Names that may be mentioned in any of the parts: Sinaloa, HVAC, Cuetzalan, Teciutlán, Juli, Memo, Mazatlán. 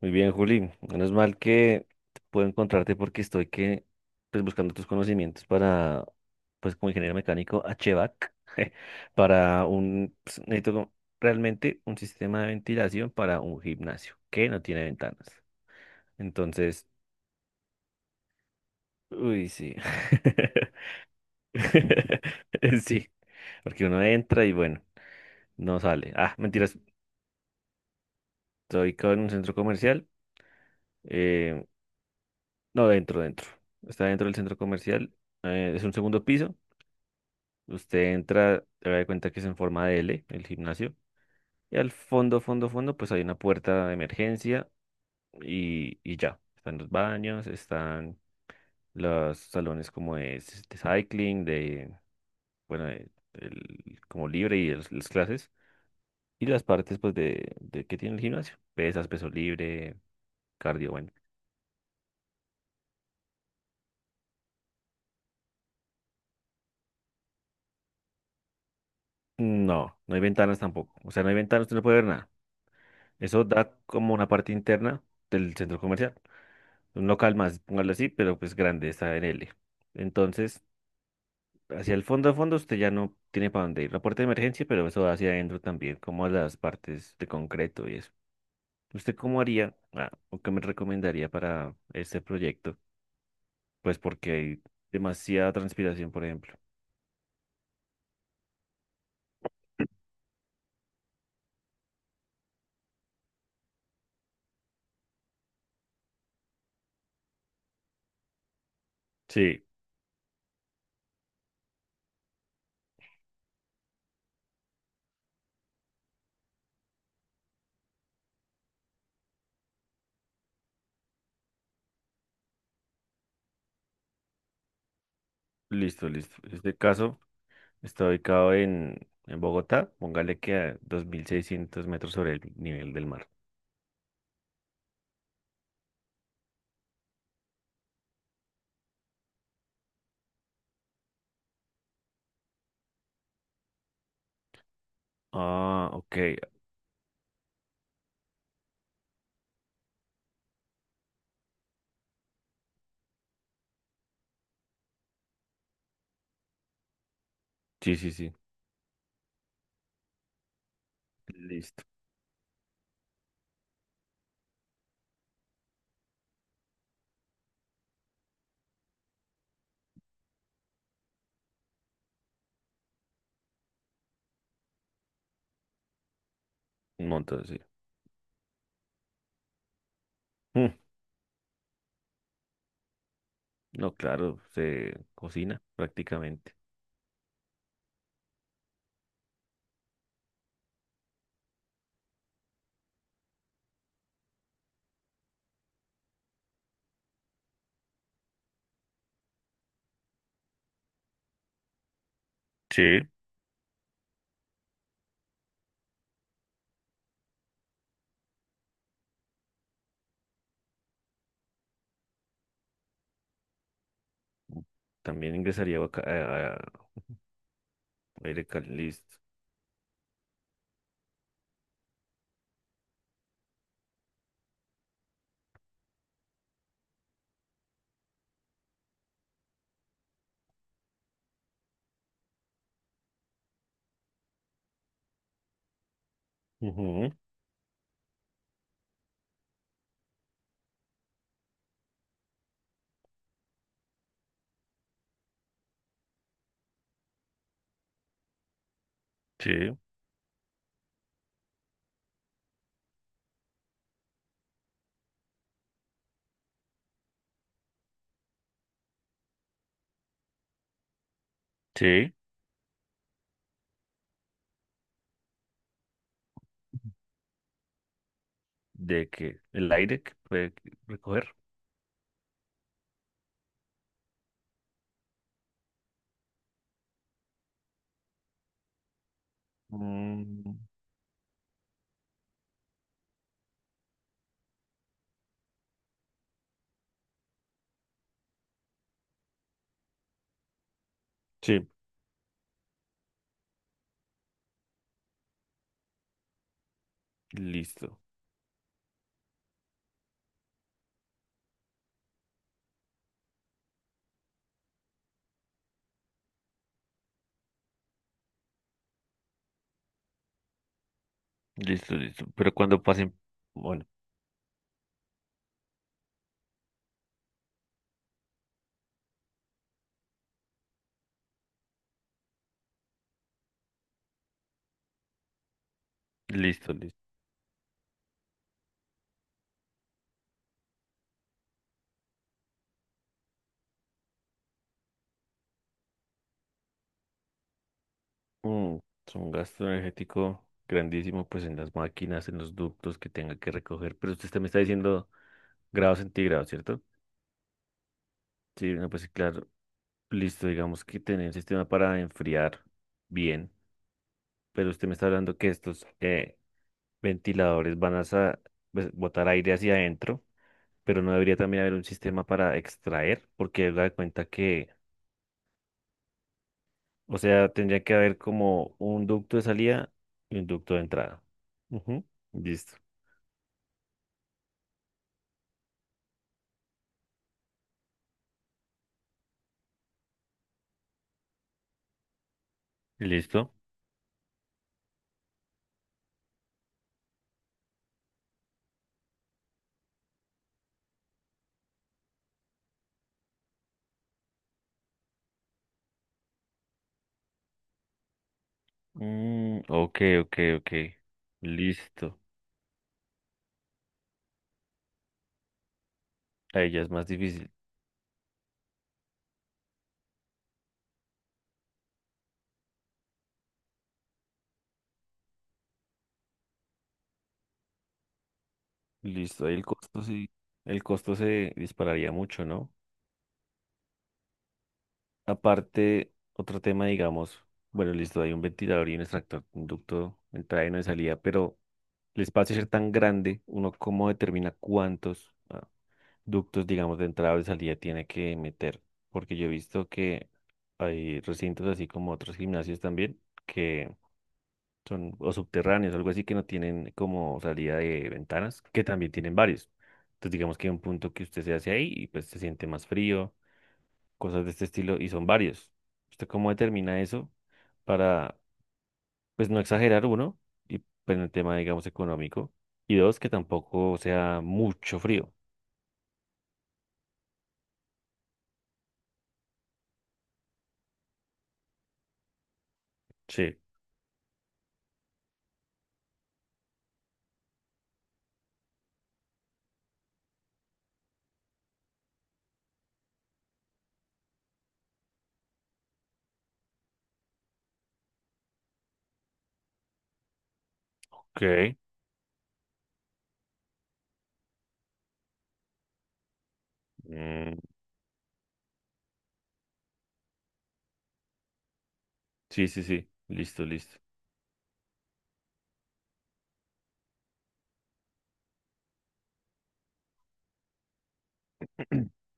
Muy bien, Juli. Menos mal que puedo encontrarte porque buscando tus conocimientos como ingeniero mecánico HVAC, para necesito realmente un sistema de ventilación para un gimnasio que no tiene ventanas. Entonces, uy, sí. Sí, porque uno entra y bueno, no sale. Ah, mentiras, estoy acá en un centro comercial. eh, no, dentro, dentro. Está dentro del centro comercial. Es un segundo piso. Usted entra, se da cuenta que es en forma de L, el gimnasio. Y al fondo, fondo, fondo, pues hay una puerta de emergencia y ya. Están los baños, están los salones como de cycling, de, bueno, como libre y las clases. Y las partes, pues, de que tiene el gimnasio. Pesas, peso libre, cardio, bueno. No, no hay ventanas tampoco. O sea, no hay ventanas, usted no puede ver nada. Eso da como una parte interna del centro comercial. Un local más, póngalo así, pero pues grande, está en L. Entonces, hacia el fondo a fondo usted ya no tiene para dónde ir. La puerta de emergencia, pero eso va hacia adentro también, como a las partes de concreto y eso. ¿Usted cómo haría, ah, o qué me recomendaría para este proyecto? Pues porque hay demasiada transpiración, por ejemplo. Sí, listo, listo. Este caso está ubicado en Bogotá, póngale que a 2.600 metros sobre el nivel del mar. Ah, ok. Sí, sí, sí. Listo. Un montón, sí. No, claro, se cocina prácticamente. Sí, también ingresaría aire caliente. Ujú. Sí, sí, de que el aire que puede recoger. Mm, sí. Listo, listo, listo. Pero cuando pasen, bueno, listo, listo. Mm, es un gasto energético grandísimo, pues en las máquinas, en los ductos que tenga que recoger. Pero usted me está diciendo grados centígrados, ¿cierto? Sí, no, pues sí, claro. Listo, digamos que tener un sistema para enfriar bien, pero usted me está hablando que estos ventiladores van a pues, botar aire hacia adentro, pero no debería también haber un sistema para extraer, porque da cuenta que, o sea, tendría que haber como un ducto de salida y un ducto de entrada. Ujú. Listo. ¿Listo? Mm, ok, ok, ok. Listo. Ahí ya es más difícil. Listo, ahí el costo sí, el costo se dispararía mucho, ¿no? Aparte, otro tema, digamos, bueno, listo, hay un ventilador y un extractor, un ducto de entrada y uno de salida, pero el espacio ser tan grande, uno cómo determina cuántos ah, ductos, digamos, de entrada o de salida tiene que meter, porque yo he visto que hay recintos así como otros gimnasios también, que son o subterráneos, algo así que no tienen como salida de ventanas, que también tienen varios. Entonces digamos que hay un punto que usted se hace ahí y pues se siente más frío, cosas de este estilo, y son varios. ¿Usted cómo determina eso para, pues no exagerar uno, y pues en el tema, digamos, económico, y dos, que tampoco sea mucho frío? Sí. Ok. Mm, sí, sí, sí. Listo, listo.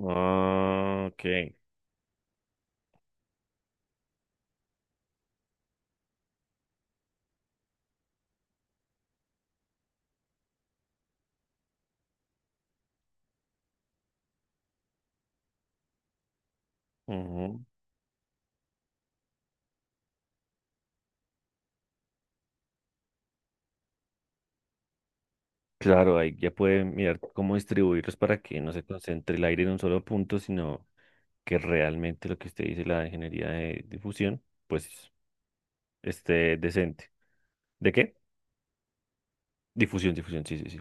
Ah, ok. Ujú. Claro, ahí ya pueden mirar cómo distribuirlos para que no se concentre el aire en un solo punto, sino que realmente lo que usted dice, la ingeniería de difusión, pues esté decente. ¿De qué? Difusión, difusión, sí, sí, sí.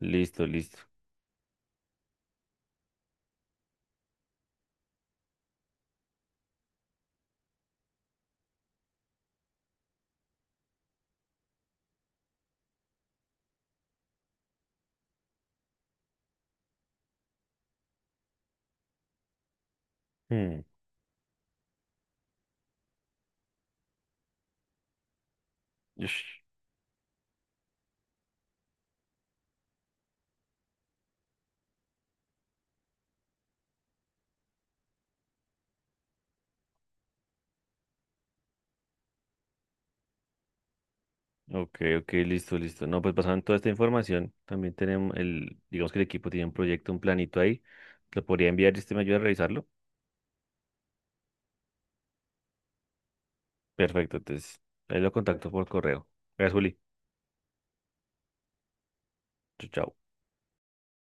Listo, listo. Hmm, ush, ok, ok, listo, listo. No, pues basado en toda esta información, también tenemos el, digamos que el equipo tiene un proyecto, un planito ahí. Lo podría enviar y usted me ayuda a revisarlo. Perfecto, entonces ahí lo contacto por correo. Gracias, Juli. Chao. Chao.